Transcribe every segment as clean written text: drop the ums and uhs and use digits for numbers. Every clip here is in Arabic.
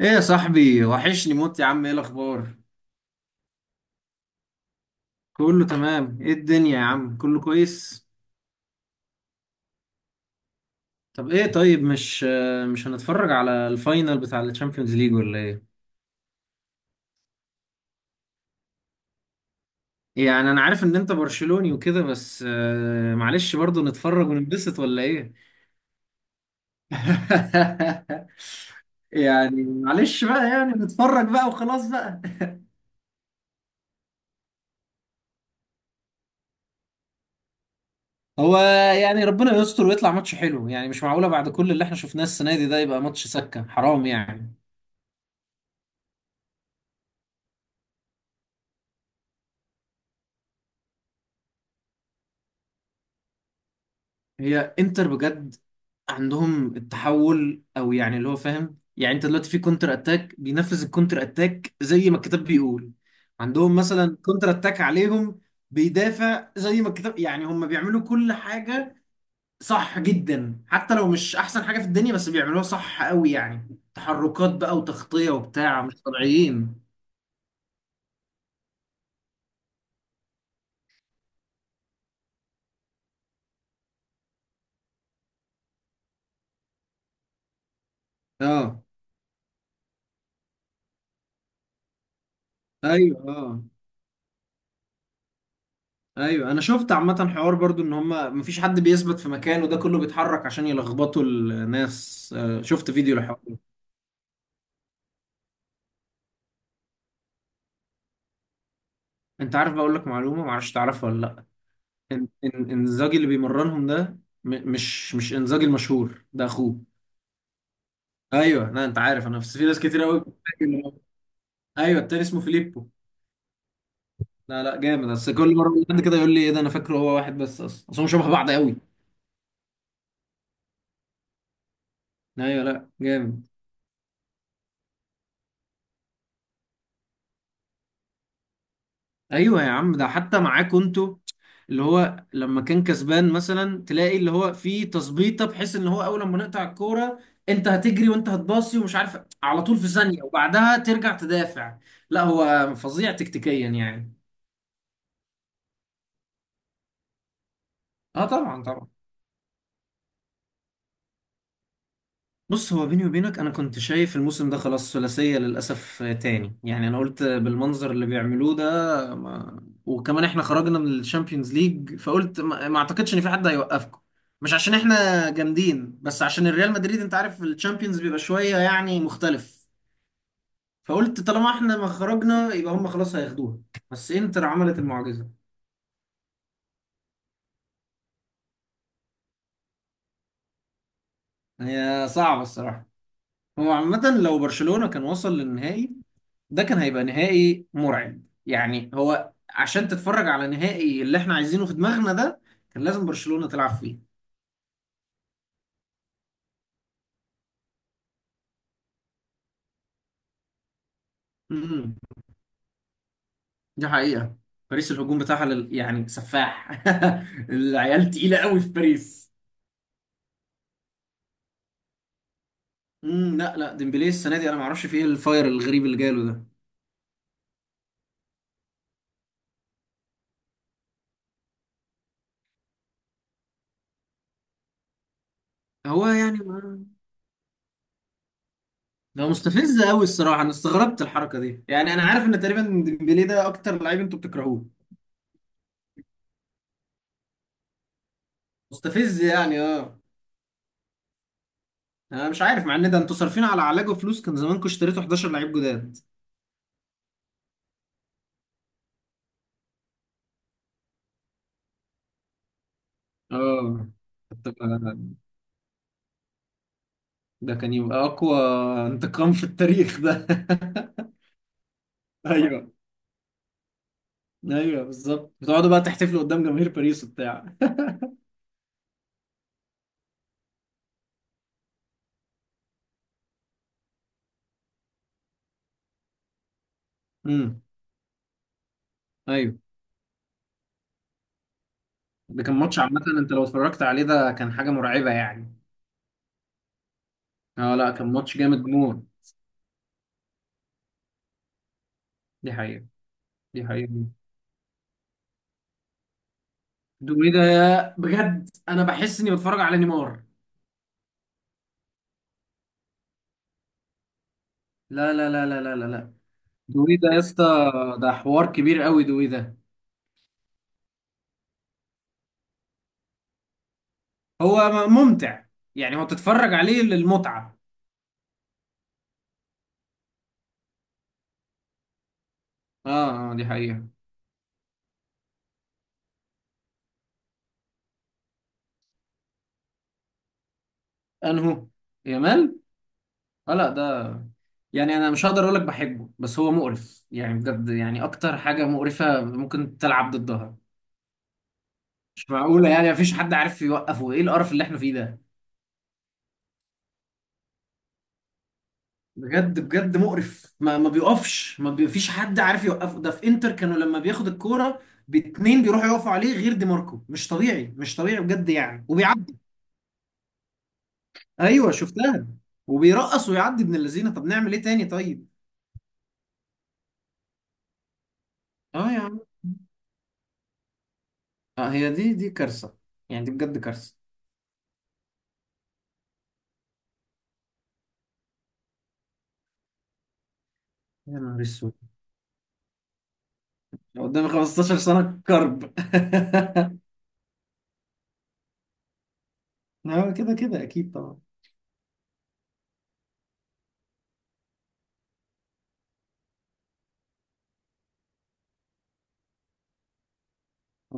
ايه يا صاحبي وحشني موت يا عم، ايه الاخبار؟ كله تمام. ايه الدنيا يا عم؟ كله كويس. طب ايه؟ طيب، مش هنتفرج على الفاينل بتاع الشامبيونز ليج ولا ايه؟ يعني انا عارف ان انت برشلوني وكده، بس معلش، برضو نتفرج وننبسط ولا ايه؟ يعني معلش بقى، يعني نتفرج بقى وخلاص بقى. هو يعني ربنا يستر ويطلع ماتش حلو، يعني مش معقولة بعد كل اللي احنا شفناه السنة دي ده يبقى ماتش سكة حرام يعني. هي انتر بجد عندهم التحول، او يعني اللي هو فاهم، يعني انت دلوقتي في كونتر اتاك بينفذ الكونتر اتاك زي ما الكتاب بيقول. عندهم مثلا كونتر اتاك عليهم بيدافع زي ما الكتاب، يعني هم بيعملوا كل حاجة صح جدا، حتى لو مش احسن حاجة في الدنيا بس بيعملوها صح قوي، يعني تحركات بقى وتغطية وبتاع مش طبيعيين. اه ايوه. اه ايوه، انا شفت عامه حوار برضو ان هما مفيش حد بيثبت في مكانه، ده كله بيتحرك عشان يلخبطوا الناس. شفت فيديو للحوار ده. انت عارف، بقول لك معلومه معرفش تعرفها ولا لا؟ إن- انزاجي اللي بيمرنهم ده مش انزاجي المشهور ده، اخوه. ايوه، لا انت عارف، انا في ناس كتير قوي. ايوه التاني اسمه فيليبو. لا لا جامد، بس كل مره بقول لحد كده يقول لي ايه ده انا فاكره هو واحد، بس اصلا اصل هم شبه بعض قوي. ايوه، لا جامد. ايوه يا عم، ده حتى معاكوا انتوا اللي هو لما كان كسبان مثلا تلاقي اللي هو في تظبيطه بحيث ان هو اول ما نقطع الكوره انت هتجري وانت هتباصي ومش عارف على طول في ثانيه وبعدها ترجع تدافع. لا هو فظيع تكتيكيا يعني. اه طبعا طبعا. بص، هو بيني وبينك انا كنت شايف الموسم ده خلاص ثلاثية للاسف تاني يعني، انا قلت بالمنظر اللي بيعملوه ده. ما... وكمان احنا خرجنا من الشامبيونز ليج فقلت ما اعتقدش ان في حد هيوقفكم. مش عشان احنا جامدين، بس عشان الريال مدريد انت عارف الشامبيونز بيبقى شوية يعني مختلف. فقلت طالما احنا ما خرجنا يبقى هم خلاص هياخدوها، بس انتر عملت المعجزة. هي صعبة الصراحة. هو عامة لو برشلونة كان وصل للنهائي ده كان هيبقى نهائي مرعب، يعني هو عشان تتفرج على نهائي اللي احنا عايزينه في دماغنا ده كان لازم برشلونة تلعب فيه. امم، دي حقيقة. باريس الهجوم بتاعها يعني سفاح، العيال تقيلة قوي في باريس. امم، لا لا ديمبلي السنة دي انا ما اعرفش فيه ايه الفاير الغريب اللي جاله ده. هو يعني ما... ده مستفز قوي الصراحة، انا استغربت الحركة دي، يعني انا عارف ان تقريبا ديمبلي ده اكتر لعيب انتوا بتكرهوه. مستفز يعني اه. انا مش عارف مع ان ده انتوا صارفين على علاجه فلوس، كان زمانكم اشتريتوا 11 لعيب جداد. اه، طب ده كان يبقى اقوى انتقام في التاريخ ده. ايوه. ايوه بالظبط، بتقعدوا بقى تحتفلوا قدام جماهير باريس وبتاع. امم، ايوه. ده كان ماتش عامه، انت لو اتفرجت عليه ده كان حاجه مرعبه يعني. اه لا كان ماتش جامد موت. دي حقيقه. دي حقيقه. دوي ده بجد انا بحس اني بتفرج على نيمار. لا لا لا لا لا لا لا. دوي ده يا اسطى، ده حوار كبير قوي دوي ده. هو ممتع، يعني هو تتفرج عليه للمتعة. اه اه دي حقيقة. انهو؟ يامال؟ اه لا ده يعني انا مش هقدر اقولك بحبه، بس هو مقرف يعني بجد، يعني اكتر حاجة مقرفة ممكن تلعب ضدها. مش معقولة يعني، مفيش حد عارف يوقفه، ايه القرف اللي احنا فيه ده. بجد بجد مقرف، ما بيقفش، ما بي- فيش حد عارف يوقفه. ده في انتر كانوا لما بياخد الكورة باتنين بيروحوا يقفوا عليه غير دي ماركو، مش طبيعي مش طبيعي بجد يعني وبيعدي. ايوه شفتها، وبيرقص ويعدي ابن اللذينه، طب نعمل ايه تاني طيب. اه يا عم. آه، هي دي كارثه، يعني دي بجد كارثه. يا نهار اسود، لو قدامي 15 سنه كرب. اه كده كده اكيد طبعا.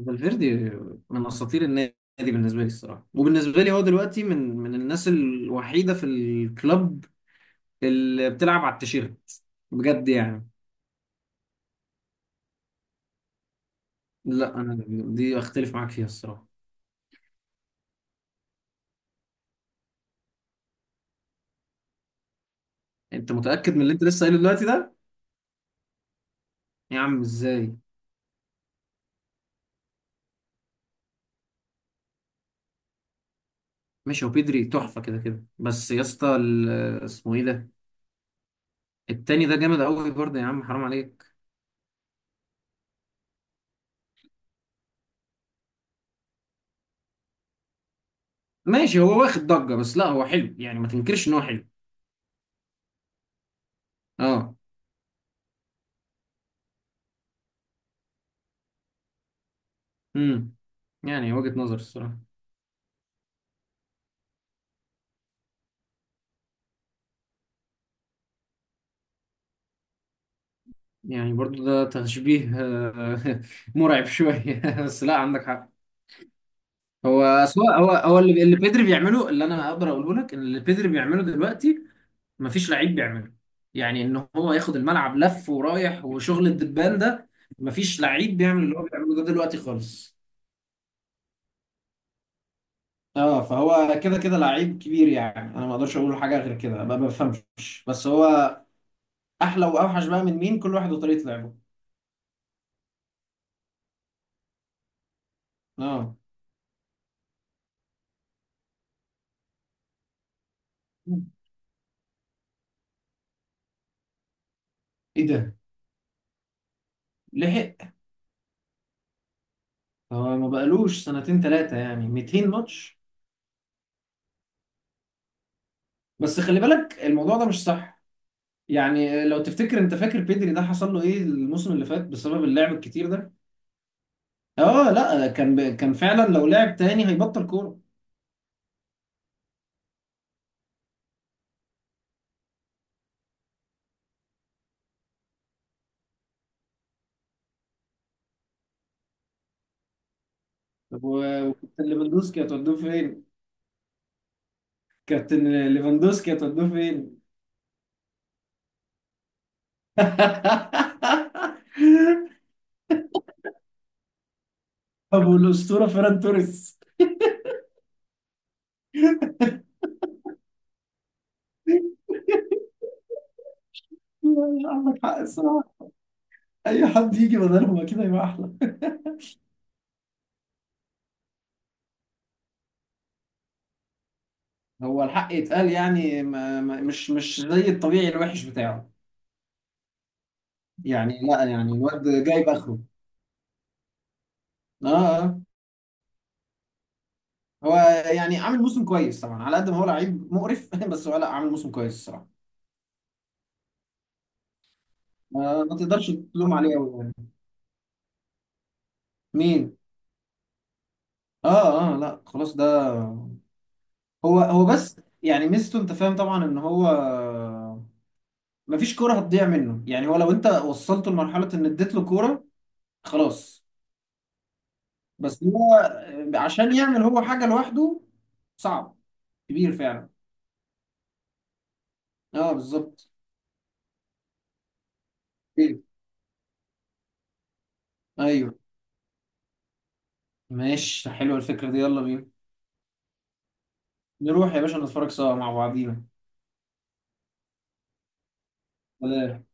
فالفيردي من اساطير النادي بالنسبه لي الصراحه، وبالنسبه لي هو دلوقتي من الناس الوحيده في الكلوب اللي بتلعب على التيشيرت بجد يعني. لا انا دي اختلف معاك فيها الصراحه. انت متاكد من اللي انت لسه قايله دلوقتي ده؟ يا عم ازاي؟ ماشي، هو بيدري تحفة كده كده، بس يا اسطى، اسمه ايه ده، التاني ده جامد قوي برضه يا عم حرام عليك. ماشي، هو واخد ضجة، بس لا هو حلو يعني، ما تنكرش ان هو حلو. اه. امم، يعني وجهة نظر الصراحة. يعني برضه ده تشبيه مرعب شوية، بس لا عندك حق. هو سواء هو اللي بيدري بيعمله، اللي انا اقدر اقوله لك ان اللي بيدري بيعمله دلوقتي مفيش لعيب بيعمله، يعني ان هو ياخد الملعب لف ورايح وشغل الدبان ده، مفيش لعيب بيعمل اللي هو بيعمله ده دلوقتي خالص. اه فهو كده كده لعيب كبير يعني، انا ما اقدرش اقول حاجه غير كده، ما بفهمش. بس هو احلى واوحش بقى من مين، كل واحد وطريقه لعبه. اه. ايه ده؟ لحق؟ هو ما بقالوش سنتين ثلاثه يعني 200 ماتش. بس خلي بالك الموضوع ده مش صح، يعني لو تفتكر انت فاكر بيدري ده حصل له ايه الموسم اللي فات بسبب اللعب الكتير ده. اه لا كان كان فعلا لو لعب تاني هيبطل كوره. طب وكابتن ليفاندوسكي هتودوه فين؟ كابتن ليفاندوسكي هتودوه فين؟ طب والاسطوره فيران توريس. لا، عندك حق الصراحه. اي حد يجي بدلهم اكيد هيبقى احلى. هو الحق يتقال، يعني ما ما مش زي الطبيعي الوحش بتاعه. يعني لا يعني الواد جايب اخره. اه. آه. هو يعني عامل موسم كويس طبعا، على قد ما هو لعيب مقرف بس هو لا عامل موسم كويس الصراحه. ما تقدرش تلوم عليه أوي يعني. مين؟ اه اه لا خلاص ده. هو بس يعني ميزته، انت فاهم طبعا ان هو مفيش كوره هتضيع منه، يعني هو لو انت وصلته لمرحله ان اديت له كوره خلاص. بس هو عشان يعمل هو حاجه لوحده صعب. كبير فعلا. اه بالظبط. إيه؟ ايوه، ماشي حلوه الفكره دي، يلا بينا. نروح يا باشا نتفرج سوا مع بعضينا. سلام.